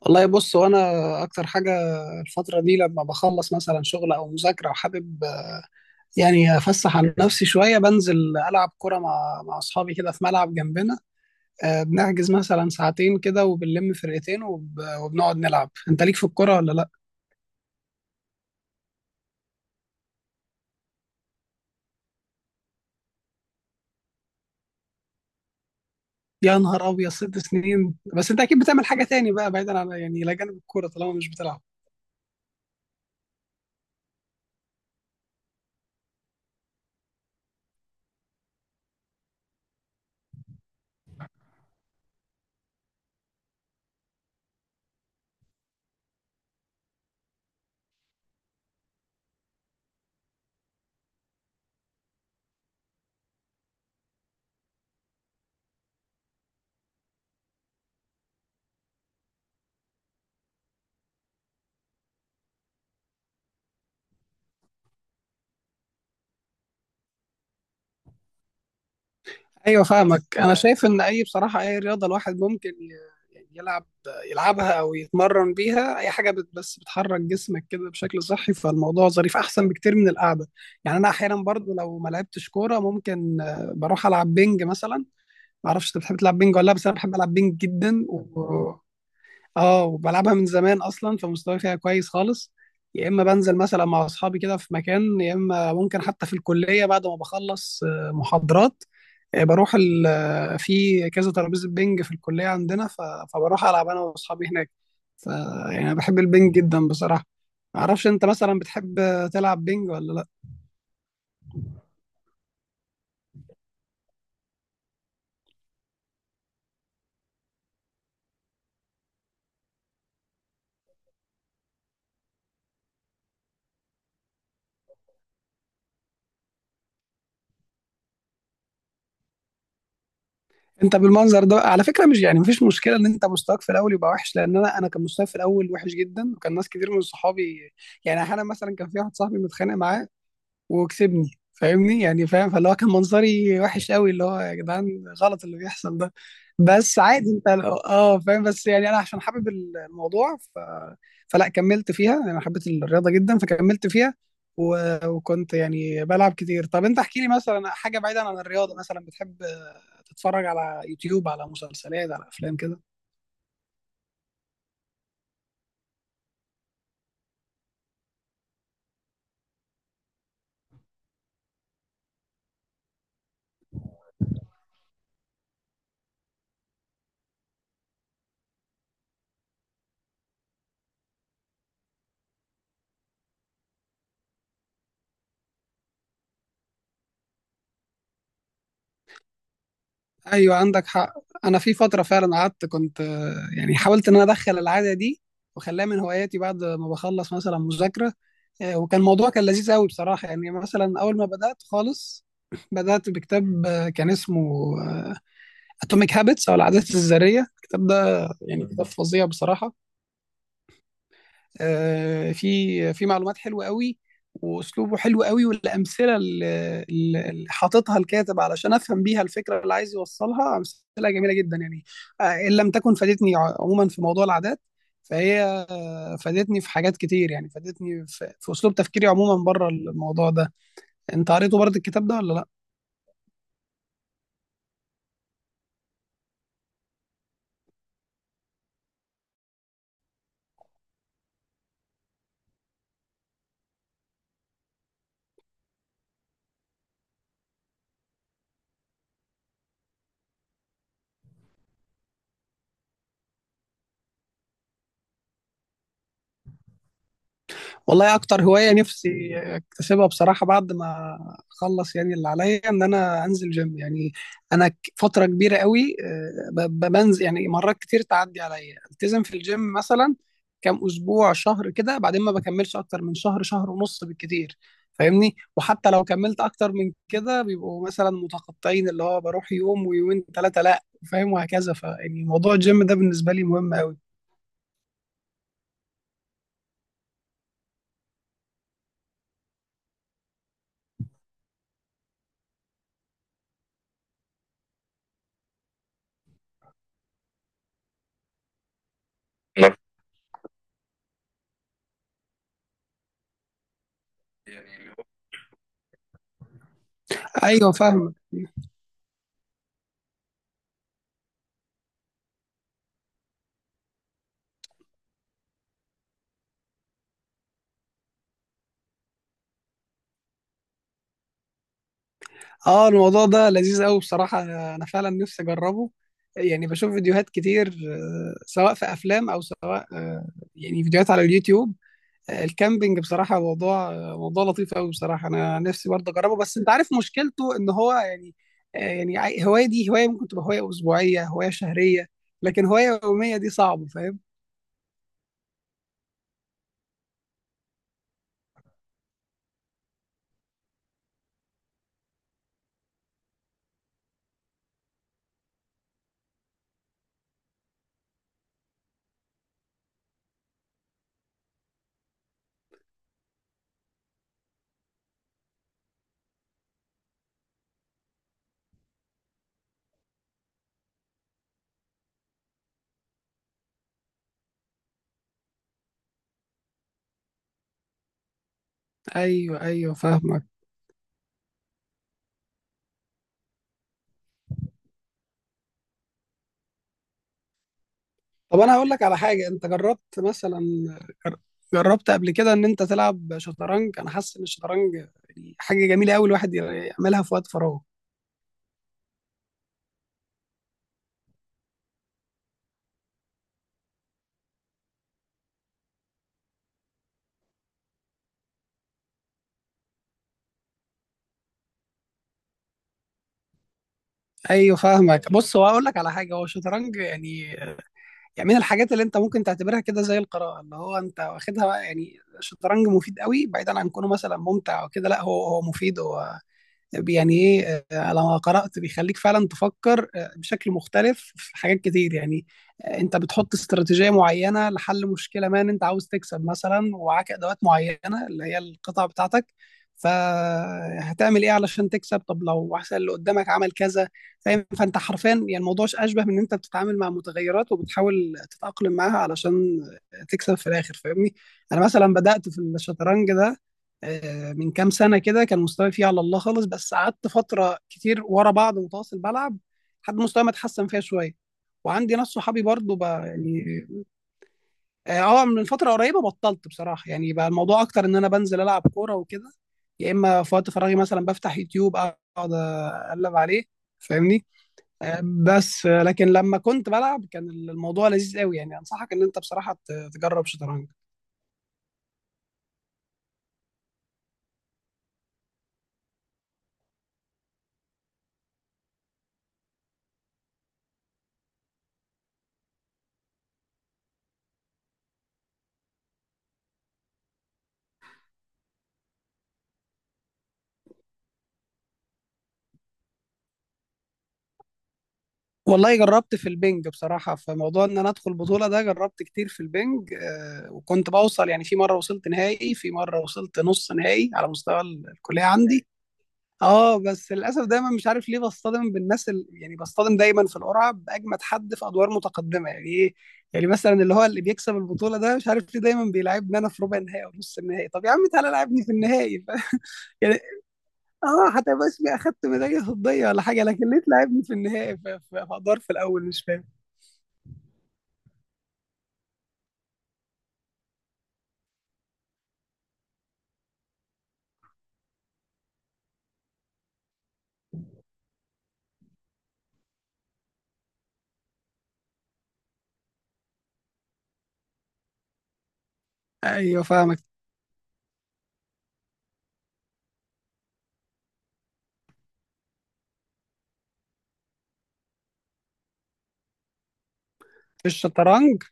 والله بص وانا اكتر حاجه الفتره دي لما بخلص مثلا شغل او مذاكره وحابب يعني افسح عن نفسي شويه بنزل العب كره مع اصحابي كده في ملعب جنبنا. بنحجز مثلا ساعتين كده وبنلم فرقتين وبنقعد نلعب. انت ليك في الكره ولا لا؟ يا نهار ابيض، 6 سنين؟ بس انت اكيد بتعمل حاجه تاني بقى بعيدا عن، يعني الى جانب الكوره طالما مش بتلعب. ايوه، فاهمك. انا شايف ان اي، بصراحه اي رياضه الواحد ممكن يعني يلعبها او يتمرن بيها، اي حاجه بس بتحرك جسمك كده بشكل صحي، فالموضوع ظريف احسن بكتير من القعده. يعني انا احيانا برضو لو ما لعبتش كوره ممكن بروح العب بينج مثلا. ما اعرفش انت بتحب تلعب بينج ولا لا، بس انا بحب العب بينج جدا اه، وبلعبها من زمان اصلا فمستواي فيها كويس خالص. يا اما بنزل مثلا مع اصحابي كده في مكان، يا اما ممكن حتى في الكليه بعد ما بخلص محاضرات، آه، بروح ال... آه، في كذا ترابيزه بينج في الكليه عندنا فبروح العب انا واصحابي هناك. ف... يعني انا بحب البينج جدا بصراحه. ما اعرفش انت مثلا بتحب تلعب بينج ولا لا؟ انت بالمنظر ده على فكره مش، يعني مفيش مشكله ان انت مستواك في الاول يبقى وحش، لان انا كان مستواي في الاول وحش جدا، وكان ناس كتير من صحابي، يعني احيانا مثلا كان في واحد صاحبي متخانق معاه وكسبني، فاهمني؟ يعني فاهم؟ فاللي هو كان منظري وحش قوي، اللي هو يا جدعان، غلط اللي بيحصل ده، بس عادي انت. اه، فاهم، بس يعني انا عشان حابب الموضوع فلا، كملت فيها، انا حبيت الرياضه جدا فكملت فيها و... وكنت يعني بلعب كتير. طب انت احكي لي مثلا حاجه بعيدا عن الرياضه، مثلا بتحب تتفرج على يوتيوب، على مسلسلات، على افلام كده؟ ايوه، عندك حق. انا في فتره فعلا قعدت، كنت يعني حاولت ان انا ادخل العاده دي وخلاها من هواياتي، بعد ما بخلص مثلا مذاكره وكان الموضوع كان لذيذ قوي بصراحة. يعني مثلا أول ما بدأت خالص بدأت بكتاب كان اسمه اتوميك هابتس او العادات الذريه. الكتاب ده يعني كتاب فظيع بصراحه. في معلومات حلوه قوي، واسلوبه حلو قوي، والامثله اللي حاططها الكاتب علشان افهم بيها الفكره اللي عايز يوصلها، امثله جميله جدا يعني. ان لم تكن فادتني عموما في موضوع العادات، فهي فادتني في حاجات كتير، يعني فادتني في اسلوب تفكيري عموما بره الموضوع ده. انت قريته برضه الكتاب ده ولا لا؟ والله اكتر هوايه نفسي اكتسبها بصراحه بعد ما اخلص يعني اللي عليا، ان انا انزل جيم يعني. انا فتره كبيره قوي بنزل يعني مرات كتير تعدي عليا، التزم في الجيم مثلا كام اسبوع، شهر كده، بعدين ما بكملش اكتر من شهر، شهر ونص بالكتير. فاهمني؟ وحتى لو كملت اكتر من كده بيبقوا مثلا متقطعين، اللي هو بروح يوم ويومين ثلاثه لا، فاهم؟ وهكذا. فيعني موضوع الجيم ده بالنسبه لي مهم قوي. ايوه فاهم. اه، الموضوع ده لذيذ قوي بصراحة، انا فعلا نفسي اجربه. يعني بشوف فيديوهات كتير سواء في افلام، او سواء يعني فيديوهات على اليوتيوب. الكامبينج بصراحة موضوع موضوع لطيف قوي بصراحة، انا نفسي برضه اجربه، بس انت عارف مشكلته ان هو يعني يعني هواية دي هواية ممكن تبقى هواية اسبوعية، هواية شهرية، لكن هواية يومية دي صعبة، فاهم؟ ايوه ايوه فاهمك. طب انا هقول لك على حاجه، انت جربت مثلا، جر- جربت قبل كده ان انت تلعب شطرنج؟ انا حاسس ان الشطرنج يعني حاجه جميله قوي الواحد يعملها في وقت فراغه. ايوه، فاهمك. بص، هو هقول لك على حاجه، هو الشطرنج يعني من الحاجات اللي انت ممكن تعتبرها كده زي القراءه اللي هو انت واخدها بقى، يعني الشطرنج مفيد قوي بعيدا عن كونه مثلا ممتع او كده، لا، هو مفيد هو، يعني ايه؟ انا لما قرات بيخليك فعلا تفكر بشكل مختلف في حاجات كتير يعني. انت بتحط استراتيجيه معينه لحل مشكله ما، ان انت عاوز تكسب مثلا، ومعاك ادوات معينه اللي هي القطع بتاعتك، فهتعمل ايه علشان تكسب؟ طب لو واحد اللي قدامك عمل كذا؟ فاهم؟ فانت حرفيا يعني الموضوع اشبه من ان انت بتتعامل مع متغيرات وبتحاول تتاقلم معاها علشان تكسب في الاخر، فاهمني؟ انا مثلا بدات في الشطرنج ده من كام سنة كده، كان مستواي فيه على الله خالص، بس قعدت فترة كتير ورا بعض متواصل بلعب لحد مستواي ما اتحسن فيها شوية. وعندي ناس صحابي برضو بقى يعني. اه، من فترة قريبة بطلت بصراحة، يعني بقى الموضوع أكتر إن أنا بنزل ألعب كورة وكده، يا إما في وقت فراغي مثلا بفتح يوتيوب، أقعد أقلب عليه، فاهمني؟ آه، بس آه، لكن لما كنت بلعب كان الموضوع لذيذ قوي، يعني أنصحك إن أنت بصراحة تجرب شطرنج. والله جربت في البنج بصراحة، في موضوع إن أنا أدخل بطولة ده جربت كتير في البنج، وكنت بوصل يعني، في مرة وصلت نهائي، في مرة وصلت نص نهائي على مستوى الكلية عندي. اه، بس للأسف دايما مش عارف ليه بصطدم بالناس يعني بصطدم دايما في القرعة بأجمد حد في أدوار متقدمة، يعني إيه؟ يعني مثلا اللي هو اللي بيكسب البطولة ده مش عارف ليه دايما بيلعبني أنا في ربع النهائي أو نص النهائي؟ طب يا عم تعالى لعبني في النهائي يعني اه، حتى بس أخدت ميدالية فضية ولا حاجة، لكن ليه تلعبني في النهائي في أدوار في الأول؟ مش فاهم. ايوه فاهمك. في الشطرنج؟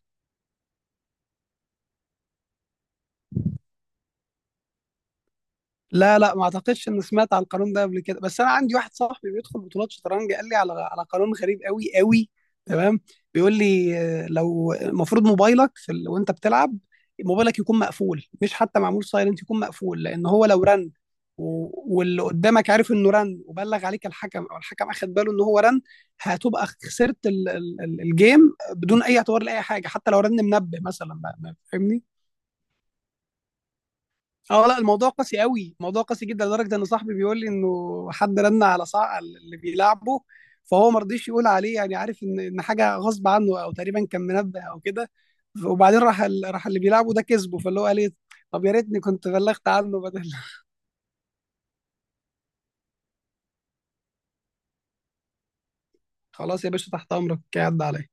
لا لا، ما اعتقدش اني سمعت عن القانون ده قبل كده، بس انا عندي واحد صاحبي بيدخل بطولات شطرنج قال لي على قانون غريب قوي قوي. تمام. بيقول لي لو المفروض موبايلك في وانت بتلعب موبايلك يكون مقفول، مش حتى معمول سايلنت، يكون مقفول، لان هو لو رن و... واللي قدامك عارف انه رن، وبلغ عليك الحكم، او الحكم اخد باله ان هو رن، هتبقى خسرت الجيم بدون اي اعتبار لاي حاجه، حتى لو رن منبه مثلا فاهمني؟ اه لا، الموضوع قاسي قوي، الموضوع قاسي جدا، لدرجه ان صاحبي بيقول لي انه حد رن على صاع اللي بيلعبه، فهو ما رضيش يقول عليه يعني، عارف ان حاجه غصب عنه، او تقريبا كان منبه او كده، وبعدين راح راح اللي بيلعبه ده كسبه، فاللي هو قال ايه؟ طب يا ريتني كنت بلغت عنه بدل خلاص يا باشا، تحت امرك، عدى عليا.